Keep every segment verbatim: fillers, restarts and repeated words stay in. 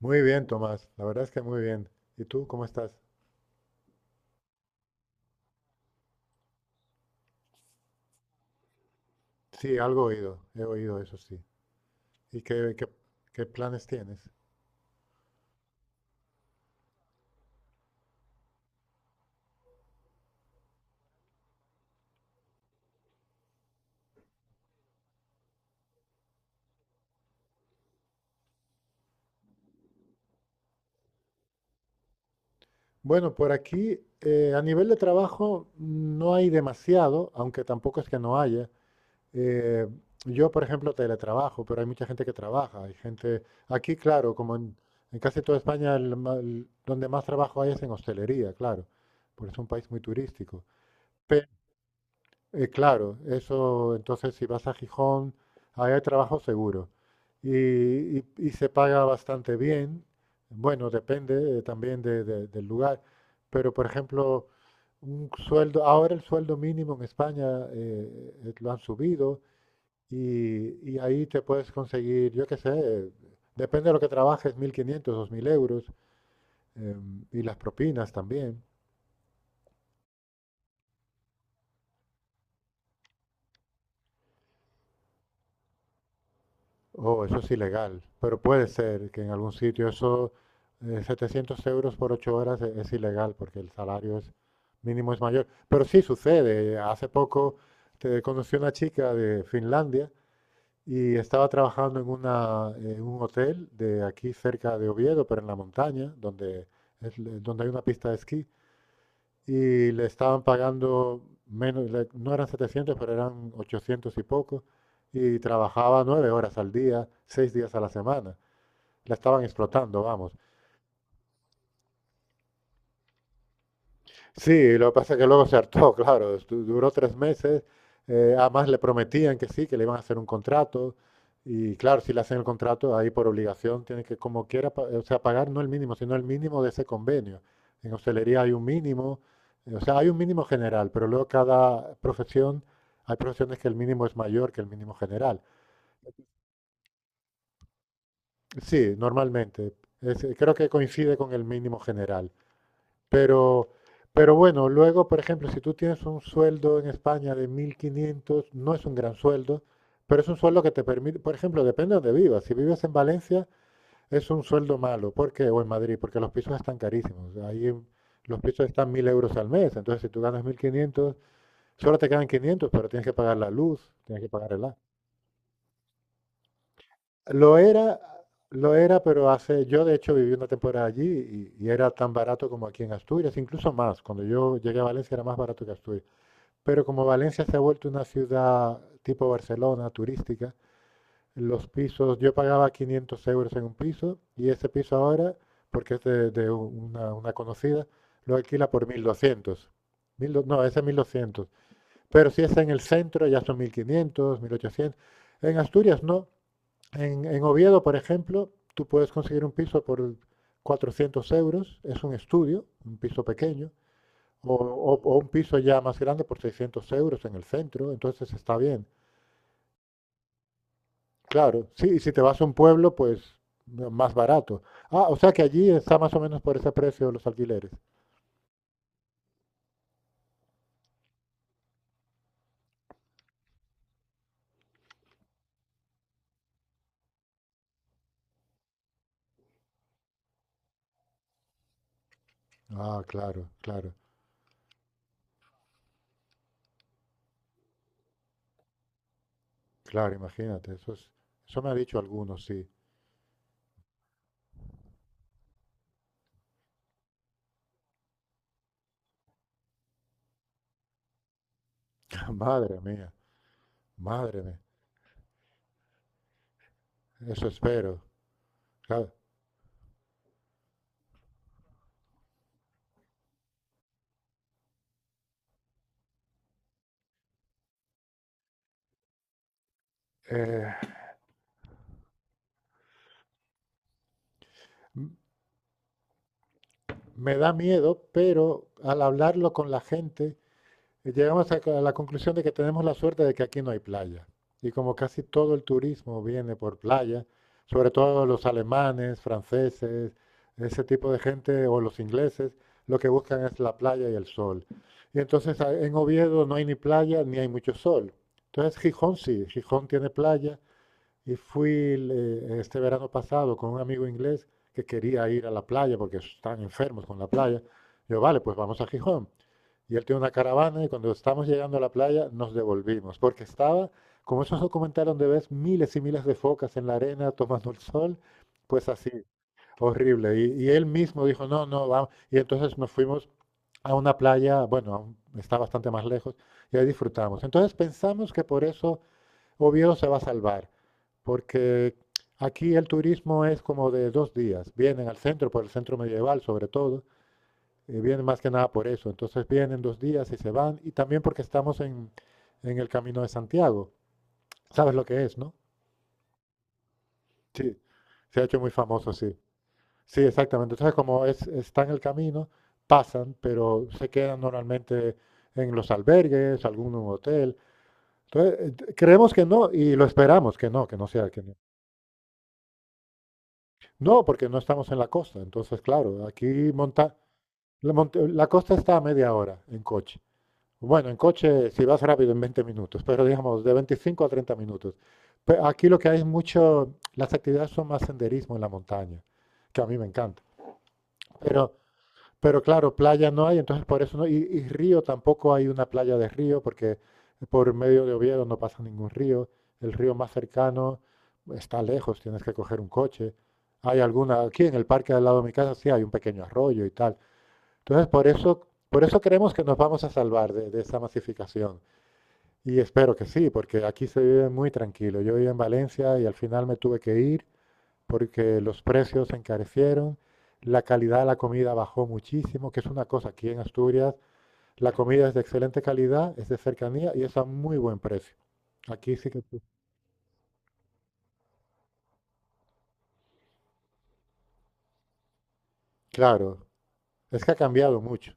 Muy bien, Tomás. La verdad es que muy bien. ¿Y tú cómo estás? Sí, algo he oído. He oído eso, sí. ¿Y qué, qué- qué planes tienes? Bueno, por aquí, eh, a nivel de trabajo, no hay demasiado, aunque tampoco es que no haya. Eh, yo, por ejemplo, teletrabajo, pero hay mucha gente que trabaja. Hay gente, aquí, claro, como en, en casi toda España, el ma- el- donde más trabajo hay es en hostelería, claro, porque es un país muy turístico. Eh, claro, eso, entonces si vas a Gijón, ahí hay trabajo seguro. Y, y- y se paga bastante bien. Bueno, depende eh, también de- de- del lugar. Pero, por ejemplo, un sueldo, ahora el sueldo mínimo en España eh, eh, lo han subido y, y ahí te puedes conseguir, yo qué sé, depende de lo que trabajes, mil quinientos, dos mil euros em, y las propinas también. Oh, eso es ilegal, pero puede ser que en algún sitio eso, eh, setecientos euros por ocho horas e- es ilegal porque el salario es mínimo es mayor. Pero sí sucede. Hace poco te conocí una chica de Finlandia y estaba trabajando en una, en un hotel de aquí cerca de Oviedo, pero en la montaña, donde, es, donde hay una pista de esquí y le estaban pagando menos, le- no eran setecientos pero eran ochocientos y poco, y trabajaba nueve horas al día, seis días a la semana. La estaban explotando, vamos. Sí, lo que pasa es que luego se hartó, claro, estu- duró tres meses. eh, además le prometían que sí, que le iban a hacer un contrato, y claro, si le hacen el contrato, ahí por obligación tiene que, como quiera, pa- o sea, pagar no el mínimo, sino el mínimo de ese convenio. En hostelería hay un mínimo, eh, o sea, hay un mínimo general, pero luego cada profesión, hay profesiones que el mínimo es mayor que el mínimo general. Sí, normalmente, es- creo que coincide con el mínimo general. Pero, pero bueno, luego, por ejemplo, si tú tienes un sueldo en España de mil quinientos, no es un gran sueldo, pero es un sueldo que te permite, por ejemplo, depende de donde vivas. Si vives en Valencia, es un sueldo malo, porque o en Madrid, porque los pisos están carísimos. Ahí los pisos están mil euros al mes, entonces si tú ganas mil quinientos, solo te quedan quinientos, pero tienes que pagar la luz, tienes que pagar el agua. Lo era, lo era, pero hace, yo de hecho viví una temporada allí y, y era tan barato como aquí en Asturias, incluso más. Cuando yo llegué a Valencia era más barato que Asturias. Pero como Valencia se ha vuelto una ciudad tipo Barcelona, turística, los pisos, yo pagaba quinientos euros en un piso y ese piso ahora, porque es de, de una, una conocida, lo alquila por mil doscientos. Mil do- no, ese es mil doscientos. Pero si es en el centro ya son mil quinientos, mil ochocientos. En Asturias no. En, en Oviedo, por ejemplo, tú puedes conseguir un piso por cuatrocientos euros, es un estudio, un piso pequeño, o, o- o un piso ya más grande por seiscientos euros en el centro, entonces está bien. Claro, sí, y si te vas a un pueblo, pues no, más barato. Ah, o sea que allí está más o menos por ese precio los alquileres. Ah, claro, claro, claro, imagínate, eso es, eso me ha dicho algunos, sí. Madre mía, madre mía, eso espero. Claro. Eh, me da miedo, pero al hablarlo con la gente, eh, llegamos a la conclusión de que tenemos la suerte de que aquí no hay playa. Y como casi todo el turismo viene por playa, sobre todo los alemanes, franceses, ese tipo de gente o los ingleses, lo que buscan es la playa y el sol. Y entonces en Oviedo no hay ni playa ni hay mucho sol. Entonces Gijón sí, Gijón tiene playa y fui el, eh, este verano pasado con un amigo inglés que quería ir a la playa porque están enfermos con la playa. Yo, vale, pues vamos a Gijón. Y él tiene una caravana y cuando estamos llegando a la playa nos devolvimos porque estaba, como esos documentales donde ves miles y miles de focas en la arena tomando el sol, pues así, horrible. Y, y él mismo dijo, no, no, vamos. Y entonces nos fuimos a una playa, bueno, a un- está bastante más lejos, y ahí disfrutamos. Entonces pensamos que por eso Oviedo se va a salvar, porque aquí el turismo es como de dos días. Vienen al centro, por el centro medieval sobre todo, eh, vienen más que nada por eso. Entonces vienen dos días y se van, y también porque estamos en, en el Camino de Santiago. ¿Sabes lo que es, no? Sí, se ha hecho muy famoso, sí. Sí, exactamente. Entonces, como es, está en el camino, pasan, pero se quedan normalmente en los albergues, algún hotel. Entonces, eh, creemos que no y lo esperamos que no, que no sea, que no. No, porque no estamos en la costa. Entonces, claro, aquí monta, la, monta- la costa está a media hora en coche. Bueno, en coche si vas rápido en veinte minutos, pero digamos de veinticinco a treinta minutos. Pe- aquí lo que hay es mucho, las actividades son más senderismo en la montaña, que a mí me encanta. Pero pero claro, playa no hay, entonces por eso no. Y, y río tampoco hay una playa de río, porque por medio de Oviedo no pasa ningún río. El río más cercano está lejos, tienes que coger un coche. Hay alguna, aquí en el parque al lado de mi casa sí hay un pequeño arroyo y tal. Entonces por eso, por eso creemos que nos vamos a salvar de, de esa masificación. Y espero que sí, porque aquí se vive muy tranquilo. Yo vivía en Valencia y al final me tuve que ir porque los precios se encarecieron, la calidad de la comida bajó muchísimo, que es una cosa aquí en Asturias, la comida es de excelente calidad, es de cercanía y es a muy buen precio. Aquí sí que tú. Claro, es que ha cambiado mucho,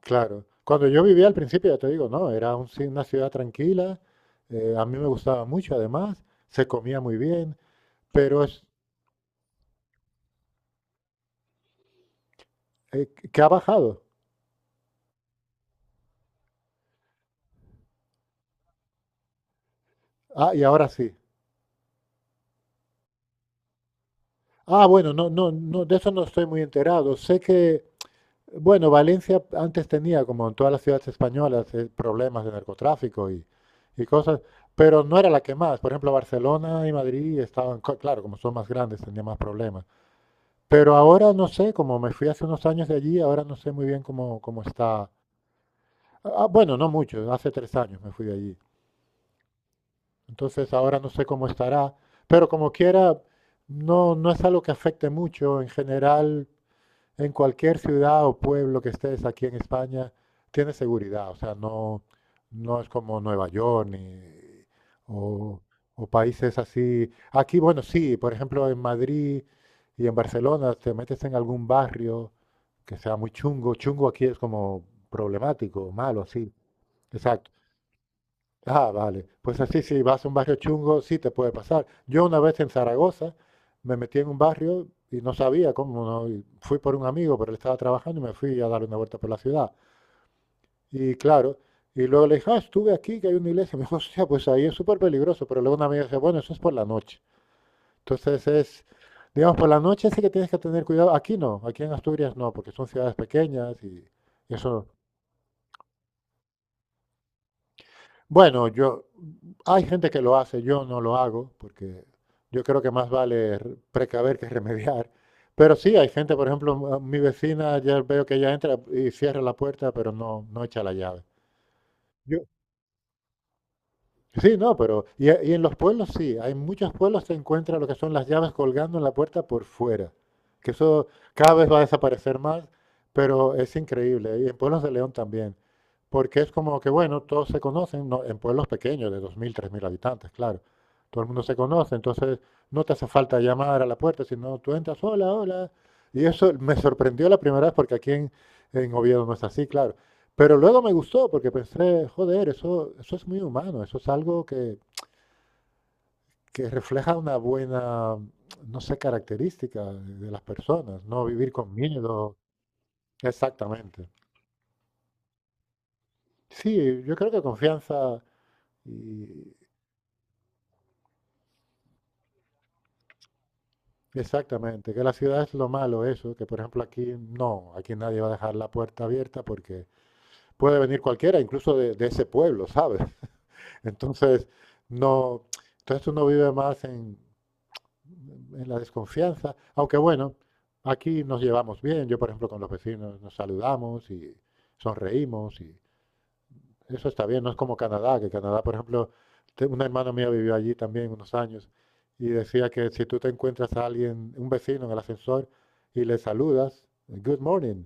claro. Cuando yo vivía al principio, ya te digo, no, era un ci- una ciudad tranquila, eh, a mí me gustaba mucho además, se comía muy bien, pero es eh, que ha bajado. Ah, y ahora sí. Ah, bueno, no, no, no, de eso no estoy muy enterado. Sé que, bueno, Valencia antes tenía, como en todas las ciudades españolas, eh, problemas de narcotráfico y, y cosas, pero no era la que más. Por ejemplo, Barcelona y Madrid estaban, co- claro, como son más grandes, tenían más problemas. Pero ahora no sé, como me fui hace unos años de allí, ahora no sé muy bien cómo, cómo está. Ah, ah, bueno, no mucho, hace tres años me fui de allí. Entonces ahora no sé cómo estará, pero como quiera, no, no es algo que afecte mucho. En general, en cualquier ciudad o pueblo que estés aquí en España, tienes seguridad. O sea, no, no es como Nueva York ni, o, o países así. Aquí, bueno, sí, por ejemplo, en Madrid y en Barcelona te metes en algún barrio que sea muy chungo. Chungo aquí es como problemático, malo, así. O sea, ah, vale. Pues así, si vas a un barrio chungo, sí te puede pasar. Yo una vez en Zaragoza me metí en un barrio y no sabía cómo, no, y fui por un amigo, pero él estaba trabajando y me fui a dar una vuelta por la ciudad. Y claro, y luego le dije, ah, estuve aquí, que hay una iglesia. Me dijo, hostia, pues ahí es súper peligroso. Pero luego una amiga dice, bueno, eso es por la noche. Entonces es, digamos, por la noche sí que tienes que tener cuidado. Aquí no, aquí en Asturias no, porque son ciudades pequeñas y y eso. Bueno, yo, hay gente que lo hace, yo no lo hago, porque yo creo que más vale re- precaver que remediar. Pero sí, hay gente, por ejemplo, m- mi vecina, ya veo que ella entra y cierra la puerta, pero no, no echa la llave. Sí, no, pero y, y en los pueblos sí, hay muchos pueblos se encuentra lo que son las llaves colgando en la puerta por fuera, que eso cada vez va a desaparecer más, pero es increíble, y en pueblos de León también, porque es como que, bueno, todos se conocen, no, en pueblos pequeños de dos mil tres mil habitantes, claro, todo el mundo se conoce, entonces no te hace falta llamar a la puerta, sino tú entras, hola, hola, y eso me sorprendió la primera vez porque aquí en, en Oviedo no es así, claro, pero luego me gustó porque pensé, joder, eso, eso es muy humano, eso es algo que, que refleja una buena, no sé, característica de de las personas, no vivir con miedo. Exactamente. Sí, yo creo que confianza y exactamente, que la ciudad es lo malo eso, que por ejemplo aquí no, aquí nadie va a dejar la puerta abierta porque puede venir cualquiera, incluso de, de ese pueblo, ¿sabes? Entonces, no, entonces uno vive más en, en la desconfianza, aunque bueno, aquí nos llevamos bien, yo por ejemplo con los vecinos nos saludamos y sonreímos y eso está bien, no es como Canadá, que Canadá por ejemplo, una hermana mía vivió allí también unos años y decía que si tú te encuentras a alguien, un vecino en el ascensor y le saludas, good morning,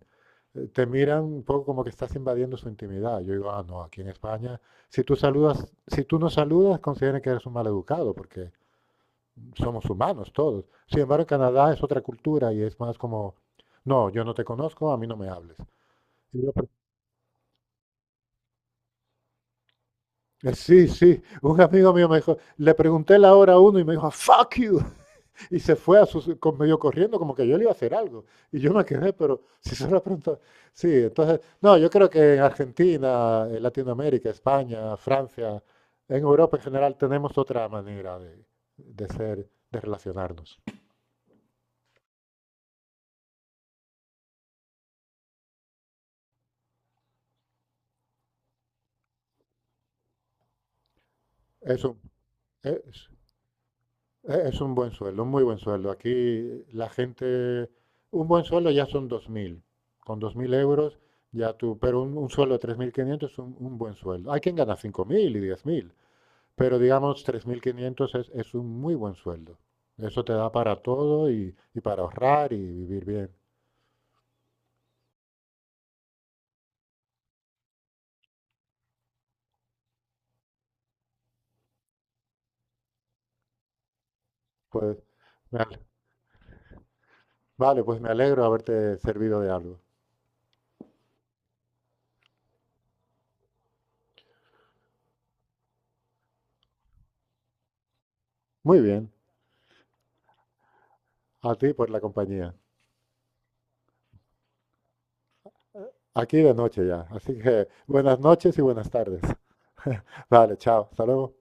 eh, te miran un poco como que estás invadiendo su intimidad. Yo digo, ah, no, aquí en España, si tú saludas, si tú no saludas, consideran que eres un maleducado, porque somos humanos todos. Sin embargo, en Canadá es otra cultura y es más como, no, yo no te conozco, a mí no me hables. Y yo, pero- eh, sí, sí, un amigo mío me dijo, le pregunté la hora a uno y me dijo, fuck you, y se fue a su, con- medio corriendo como que yo le iba a hacer algo. Y yo me quedé, pero si se lo preguntó, sí, entonces, no, yo creo que en Argentina, en Latinoamérica, España, Francia, en Europa en general tenemos otra manera de, de ser, de relacionarnos. Eso. Eh, Es un buen sueldo, un muy buen sueldo. Aquí la gente, un buen sueldo ya son dos mil. Con dos mil euros ya tú, pero un, un sueldo de tres mil quinientos es un, un buen sueldo. Hay quien gana cinco mil y diez mil, pero digamos tres mil quinientos es, es un muy buen sueldo. Eso te da para todo y, y para ahorrar y vivir bien. Pues, me ale- vale, pues me alegro de haberte servido de algo. Muy bien, a ti por la compañía. Aquí de noche ya, así que buenas noches y buenas tardes. Vale, chao, hasta luego.